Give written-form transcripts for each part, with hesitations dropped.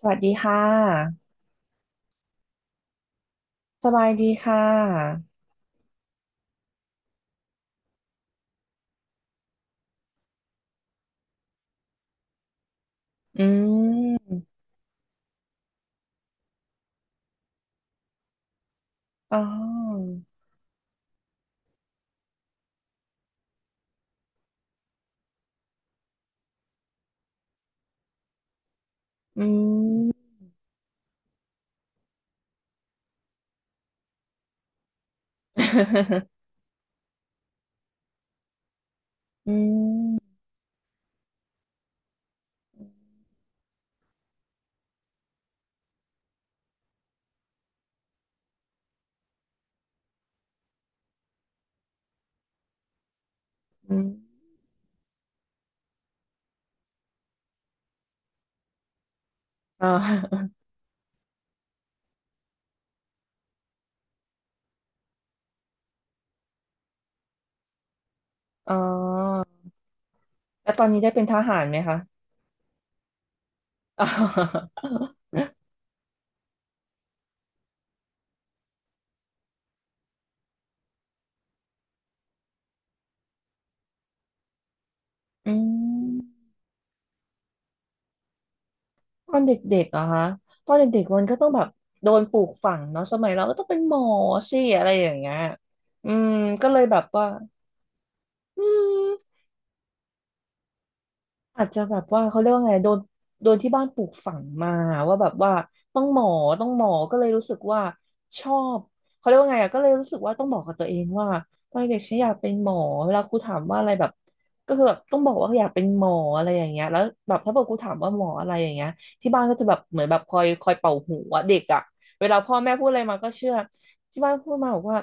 สวัสดีค่ะสบายดีค่ะอืมอ๋ออืม อืมอืมอ๋ออ๋อแล้วตอนนี้ได้เป็นทหารไหมคะอ๋อ อืมตอนเด็กๆเหรอคะตอนเด็กๆมันก็ต้องแบบโดนปลูกฝังเนาะ สมัยเราก็ต้องเป็นหมอสิอะไรอย่างเงี้ยอืมก็เลยแบบว่าอืม อาจจะแบบว่าเขาเรียกว่าไงโดนที่บ้านปลูกฝังมาว่าแบบว่าต้องหมอต้องหมอก็เลยรู้สึกว่าชอบเขาเรียกว่าไงอะก็เลยรู้สึกว่าต้องบอกกับตัวเองว่าตอนเด็กฉันอยากเป็นหมอเวลาครูถามว่าอะไรแบบก็คือแบบต้องบอกว่าอยากเป็นหมออะไรอย่างเงี้ยแล้วแบบถ้าบอครูถามว่าหมออะไรอย่างเงี้ยที่บ้านก็จะแบบเหมือนแบบคอยเป่าหูอะเด็กอะเวลาพ่อแม่พูดอะไรมาก็เชื่อที่บ้านพูดมาบอกว่า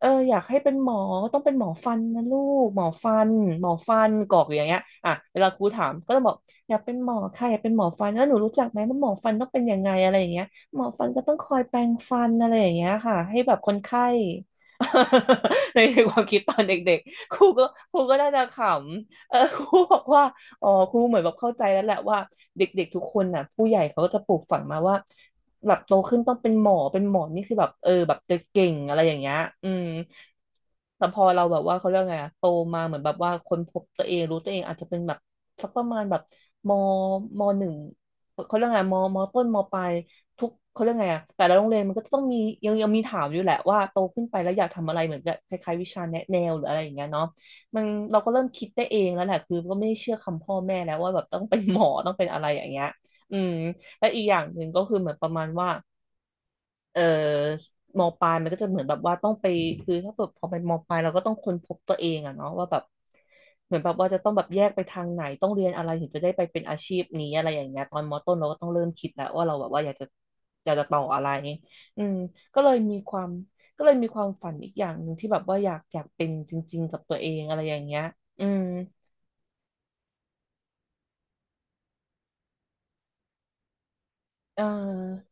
เอออยากให้เป็นหมอต้องเป็นหมอฟันนะลูกหมอฟันหมอฟันกรอกอยู่อย่างเงี้ยอ่ะเวลาครูถามก็ต้องบอกอยากเป็นหมอค่ะอยากเป็นหมอฟันแล้วหนูรู้จักไหมว่าหมอฟันต้องเป็นยังไงอะไรอย่างเงี้ยหมอฟันก็ต้องคอยแปรงฟันอะไรอย่างเงี้ยค่ะให้แบบคนไข้ ในความคิดตอนเด็กๆครูก็น่าจะขำเออครูบอกว่าอ๋อครูเหมือนแบบเข้าใจแล้วแหละว่าเด็กๆทุกคนน่ะผู้ใหญ่เขาก็จะปลูกฝังมาว่า แบบโตขึ้นต้องเป็นหมอเป็นหมอนี่คือแบบเออแบบจะเก่งอะไรอย่างเงี้ยอืมแต่พอเราแบบว่าเขาเรียกไงอะโตมาเหมือนแบบว่าค้นพบตัวเองรู้ตัวเองอาจจะเป็นแบบสักประมาณแบบมมหนึ่งเขาเรียกไงมมต้นมปลายทุกเขาเรียกไงอะแต่ละโรงเรียนมันก็ต้องมียังมีถามอยู่แหละว่าโตขึ้นไปแล้วอยากทำอะไรเหมือนกับคล้ายๆวิชาแนะแนวหรืออะไรอย่างเงี้ยเนาะมันเราก็เริ่มคิดได้เองแล้วแหละคือก็ไม่ได้เชื่อคำพ่อแม่แล้วว่าแบบต้องเป็นหมอต้องเป็นอะไรอย่างเงี้ยอืม และอีกอย่างหนึ่งก็คือเหมือนประมาณว่าเออมปลายมันก็จะเหมือนแบบว่าต้องไปคือถ้าเกิดพอเป็นมปลายเราก็ต้องค้นพบตัวเองอะเนาะว่าแบบเหมือนแบบว่าจะต้องแบบแยกไปทางไหนต้องเรียนอะไรถึงจะได้ไปเป็นอาชีพนี้อะไรอย่างเงี้ยตอนมต้นเราก็ต้องเริ่มคิดแล้วว่าเราแบบว่าอยากจะต่ออะไรอืมก็เลยมีความก็เลยมีความฝันอีกอย่างหนึ่งที่แบบว่าอยากเป็นจริงๆกับตัวเองอะไรอย่างเงี้ยอืมเออ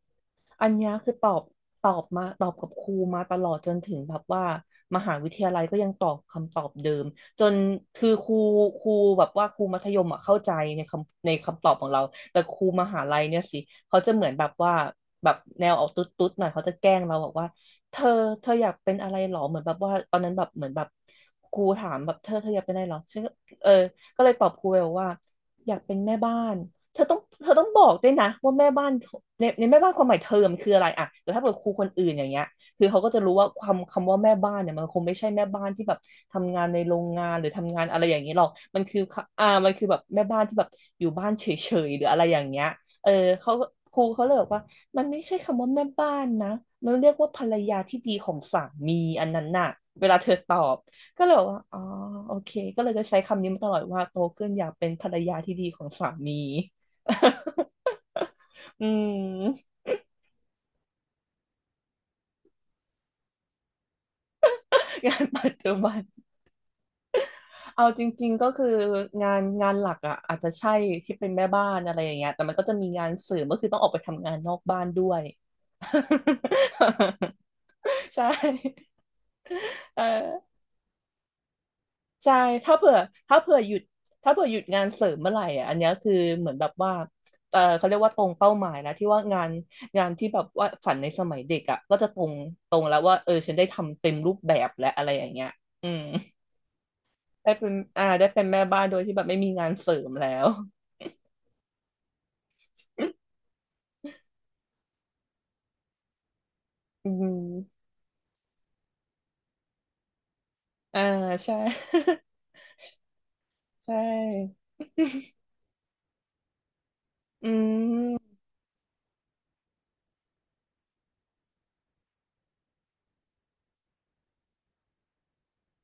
อันเนี้ยคือตอบมาตอบกับครูมาตลอดจนถึงแบบว่ามหาวิทยาลัยก็ยังตอบคำตอบเดิมจนคือครูแบบว่าครูมัธยมอ่ะเข้าใจในคำตอบของเราแต่ครูมหาลัยเนี่ยสิเขาจะเหมือนแบบว่าแบบแนวออกตุ๊ดตุ๊ดหน่อยเขาจะแกล้งเราบอกว่าเธอเธออยากเป็นอะไรหรอเหมือนแบบว่าตอนนั้นแบบเหมือนแบบครูถามแบบเธออยากเป็นอะไรหรอฉันก็เออก็เลยตอบครูไปบอกว่าอยากเป็นแม่บ้าน เธอต้องบอกด้วยนะว่าแม่บ้าน ในแม่บ้านความหมายเทอมคืออะไรอะแต่ถ้าเกิดครูคนอื่นอย่างเงี้ยคือเขาก็จะรู้ว่าความคำว่าแม่บ้านเนี่ยมันคงไม่ใช่แม่บ้านที่แบบทำงานในโรงงานหรือทำงานอะไรอย่างนี้หรอกมันคืออ่ามันคือแบบแม่บ้านที่แบบอยู่บ้านเฉยๆหรืออะไรอย่างเงี้ยเออเขาครูเขาเลยบอกว่ามันไม่ใช่คำว่าแม่บ้านนะมันเรียกว่าภรรยาที่ดีของสามีอันนั้นน่ะเวลาเธอตอบก็เลยบอกว่าอ๋อโอเคก็เลยจะใช้คำนี้มาตลอดว่าโตขึ้นอยากเป็นภรรยาที่ดีของสามี อืม งานปัจจุบันเอาจริงๆก็คืองานหลักอ่ะอาจจะใช่ที่เป็นแม่บ้านอะไรอย่างเงี้ยแต่มันก็จะมีงานเสริมก็คือต้องออกไปทำงานนอกบ้านด้วย ใช่เออใช่ถ้าเผื่อถ้าเผื่อหยุดถ้าเผื่อหยุดงานเสริมเมื่อไหร่อ่ะอันเนี้ยคือเหมือนแบบว่าเออเขาเรียกว่าตรงเป้าหมายนะที่ว่างานงานที่แบบว่าฝันในสมัยเด็กอ่ะก็จะตรงแล้วว่าเออฉันได้ทำเต็มรูปแบบและอะไรอย่างเงี้ยอืม ได้เป็นได้เป็นแม่บ้านโดยที่แบบไม่มีงานเสริมแล้ว อืมอ่าใช่ ใช่อืม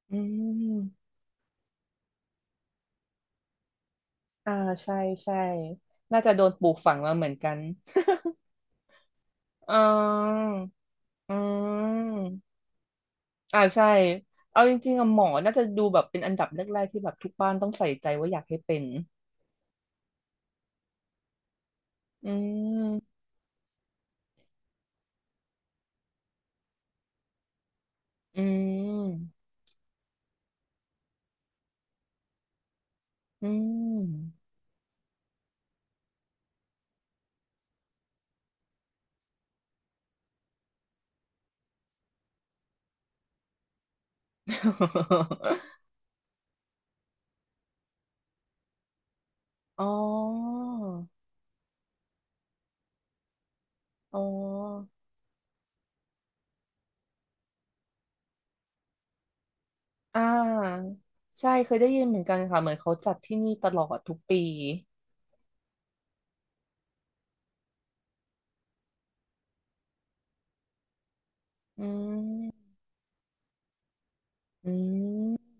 อืมอ่าใช่ใช่น่าจะโดนปลูกฝังมาเหมือนกัน อ๋ออืมอ่าใช่ เอาจริงๆอะหมอน่าจะดูแบบเป็นอันดับแรกๆที่แบบทุกบ้านต้องใส่ใจว่าอยากให้เป็นอืมอืมอืม อ๋ออ๋อ อ่าใช่เคยได้ยินเหมือนกันค่ะเหมือนเขาจัดที่นี่ตลอดทุกปีอืมอืม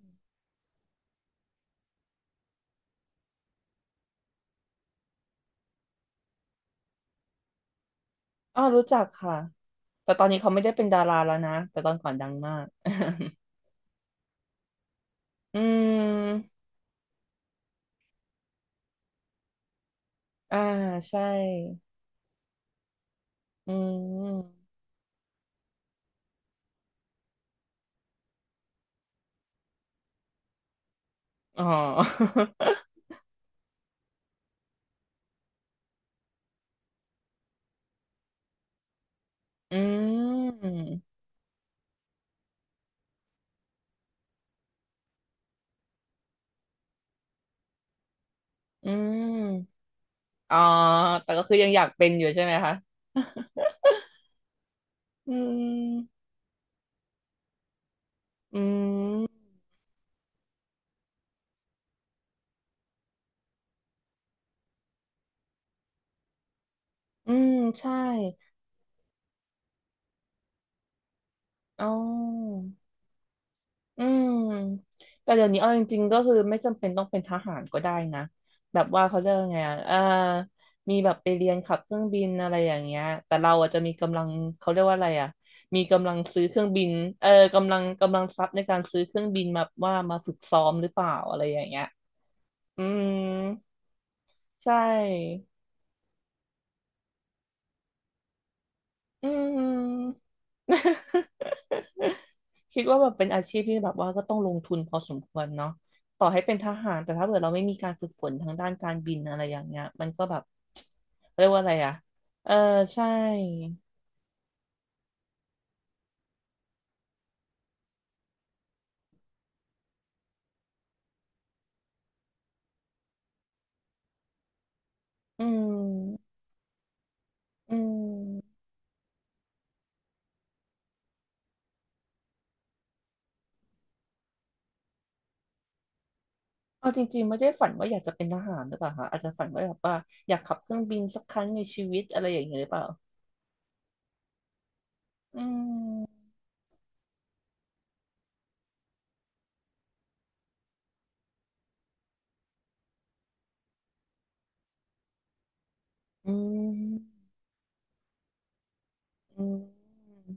อ๋อรู้จักค่ะแต่ตอนนี้เขาไม่ได้เป็นดาราแล้วนะแต่ตอนก่อนดังมาก อืมอ่าใช่อืมอ๋อ อืมอืมอ๋อแต่ก็คือยังอยากเป็นอยู่ใช่ไหมคะ อืมอืมอืมใช่อ๋อ อืมแต่เดี๋ยวนี้เอาจริงๆก็คือไม่จำเป็นต้องเป็นทหารก็ได้นะแบบว่าเขาเรียก่าไงอะมีแบบไปเรียนขับเครื่องบินอะไรอย่างเงี้ยแต่เราอาจจะมีกำลังเขาเรียกว่าอะไรอ่ะมีกำลังซื้อเครื่องบินเออกำลังทรัพย์ในการซื้อเครื่องบินมาว่ามาฝึกซ้อมหรือเปล่าอะไรอย่างเงี้ยอืมใช่ อืม คิดว่าแบบเป็นอาชีพที่แบบว่าก็ต้องลงทุนพอสมควรเนาะต่อให้เป็นทหารแต่ถ้าเกิดเราไม่มีการฝึกฝนทางด้านการบินอะไรอย่างเงี้ยมันก็แบบเรียกว่าอะไรอ่ะเออใช่อืมอืมเอาจริงๆไม่ได้ฝันว่าอยากจะเป็นทหารหรือเปล่าคะอาจจะฝันว่าแบบว่าอยากขับเครื่องบินสักครั้งในชีวิตอะไรอย่างเงี้ยหรือเปล่าอืมอืมอืม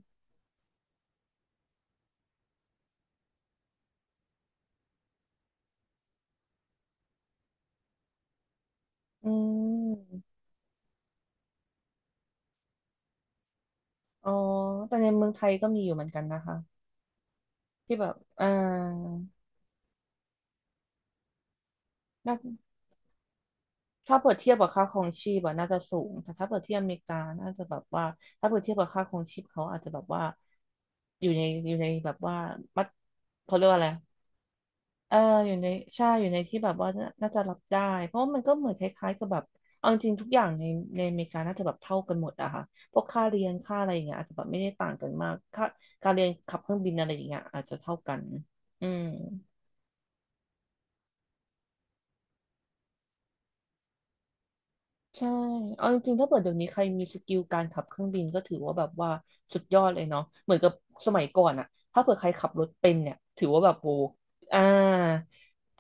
อืม อ๋อ แต่ในเมืองไทยก็มีอยู่เหมือนกันนะคะที่แบบน่าถ้าเปิดเทียบกับค่าครองชีพอะน่าจะสูงแต่ถ้าเปิดเทียบอเมริกาน่าจะแบบว่าถ้าเปิดเทียบกับค่าครองชีพเขาอาจจะแบบว่าอยู่ในแบบว่ามัดเขาเรียกว่าอะไรเอออยู่ในใช่อยู่ในที่แบบว่าน่าจะรับได้เพราะว่ามันก็เหมือนคล้ายๆกับแบบเอาจริงๆทุกอย่างในอเมริกาน่าจะแบบเท่ากันหมดอะค่ะพวกค่าเรียนค่าอะไรอย่างเงี้ยอาจจะแบบไม่ได้ต่างกันมากค่าการเรียนขับเครื่องบินอะไรอย่างเงี้ยอาจจะเท่ากันอืม ใช่เอาจริงๆถ้าเปิดเดี๋ยวนี้ใครมีสกิลการขับเครื่องบินก็ถือว่าแบบว่าสุดยอดเลยเนาะเหมือนกับสมัยก่อนอะถ้าเปิดใครขับรถเป็นเนี่ยถือว่าแบบโหอ่า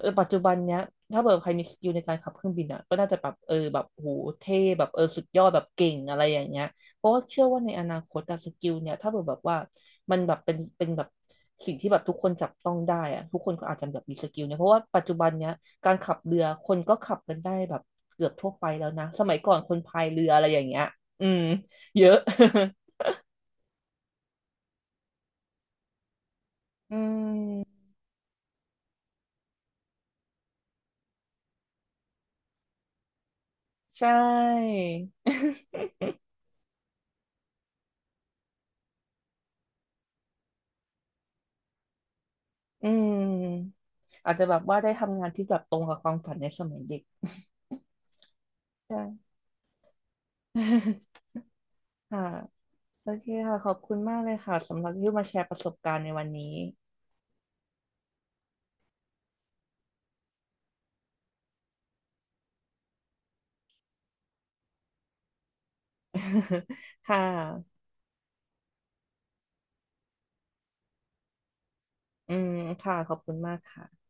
แต่ปัจจุบันเนี้ยถ้าเปิดใครมีสกิลในการขับเครื่องบินอะก็น่าจะแบบเออแบบโหเท่แบบเออสุดยอดแบบเก่งอะไรอย่างเงี้ยเพราะว่าเชื่อว่าในอนาคตอะสกิลเนี่ยถ้าเปิดแบบว่ามันแบบเป็นแบบสิ่งที่แบบทุกคนจับต้องได้อะทุกคนก็อาจจะแบบมีสกิลเนี่ยเพราะว่าปัจจุบันเนี้ยการขับเรือคนก็ขับกันได้แบบ เกือบทั่วไปแล้วนะสมัยก่อนคนพายเรืออะไรอย่างเงี้ยอืมเยอะ อืมใช่ อืมอาจจะแบบว่าได้ทำงานที่แบบตรงกับความฝันในสมัยเด็ก ใช่ ค่ะโอเคค่ะขอบคุณมากเลยค่ะสำหรับที่มาแชร์ประสบการณ์ในวันนี้ ค่ะอืมค่ะขอบคุณมากค่ะ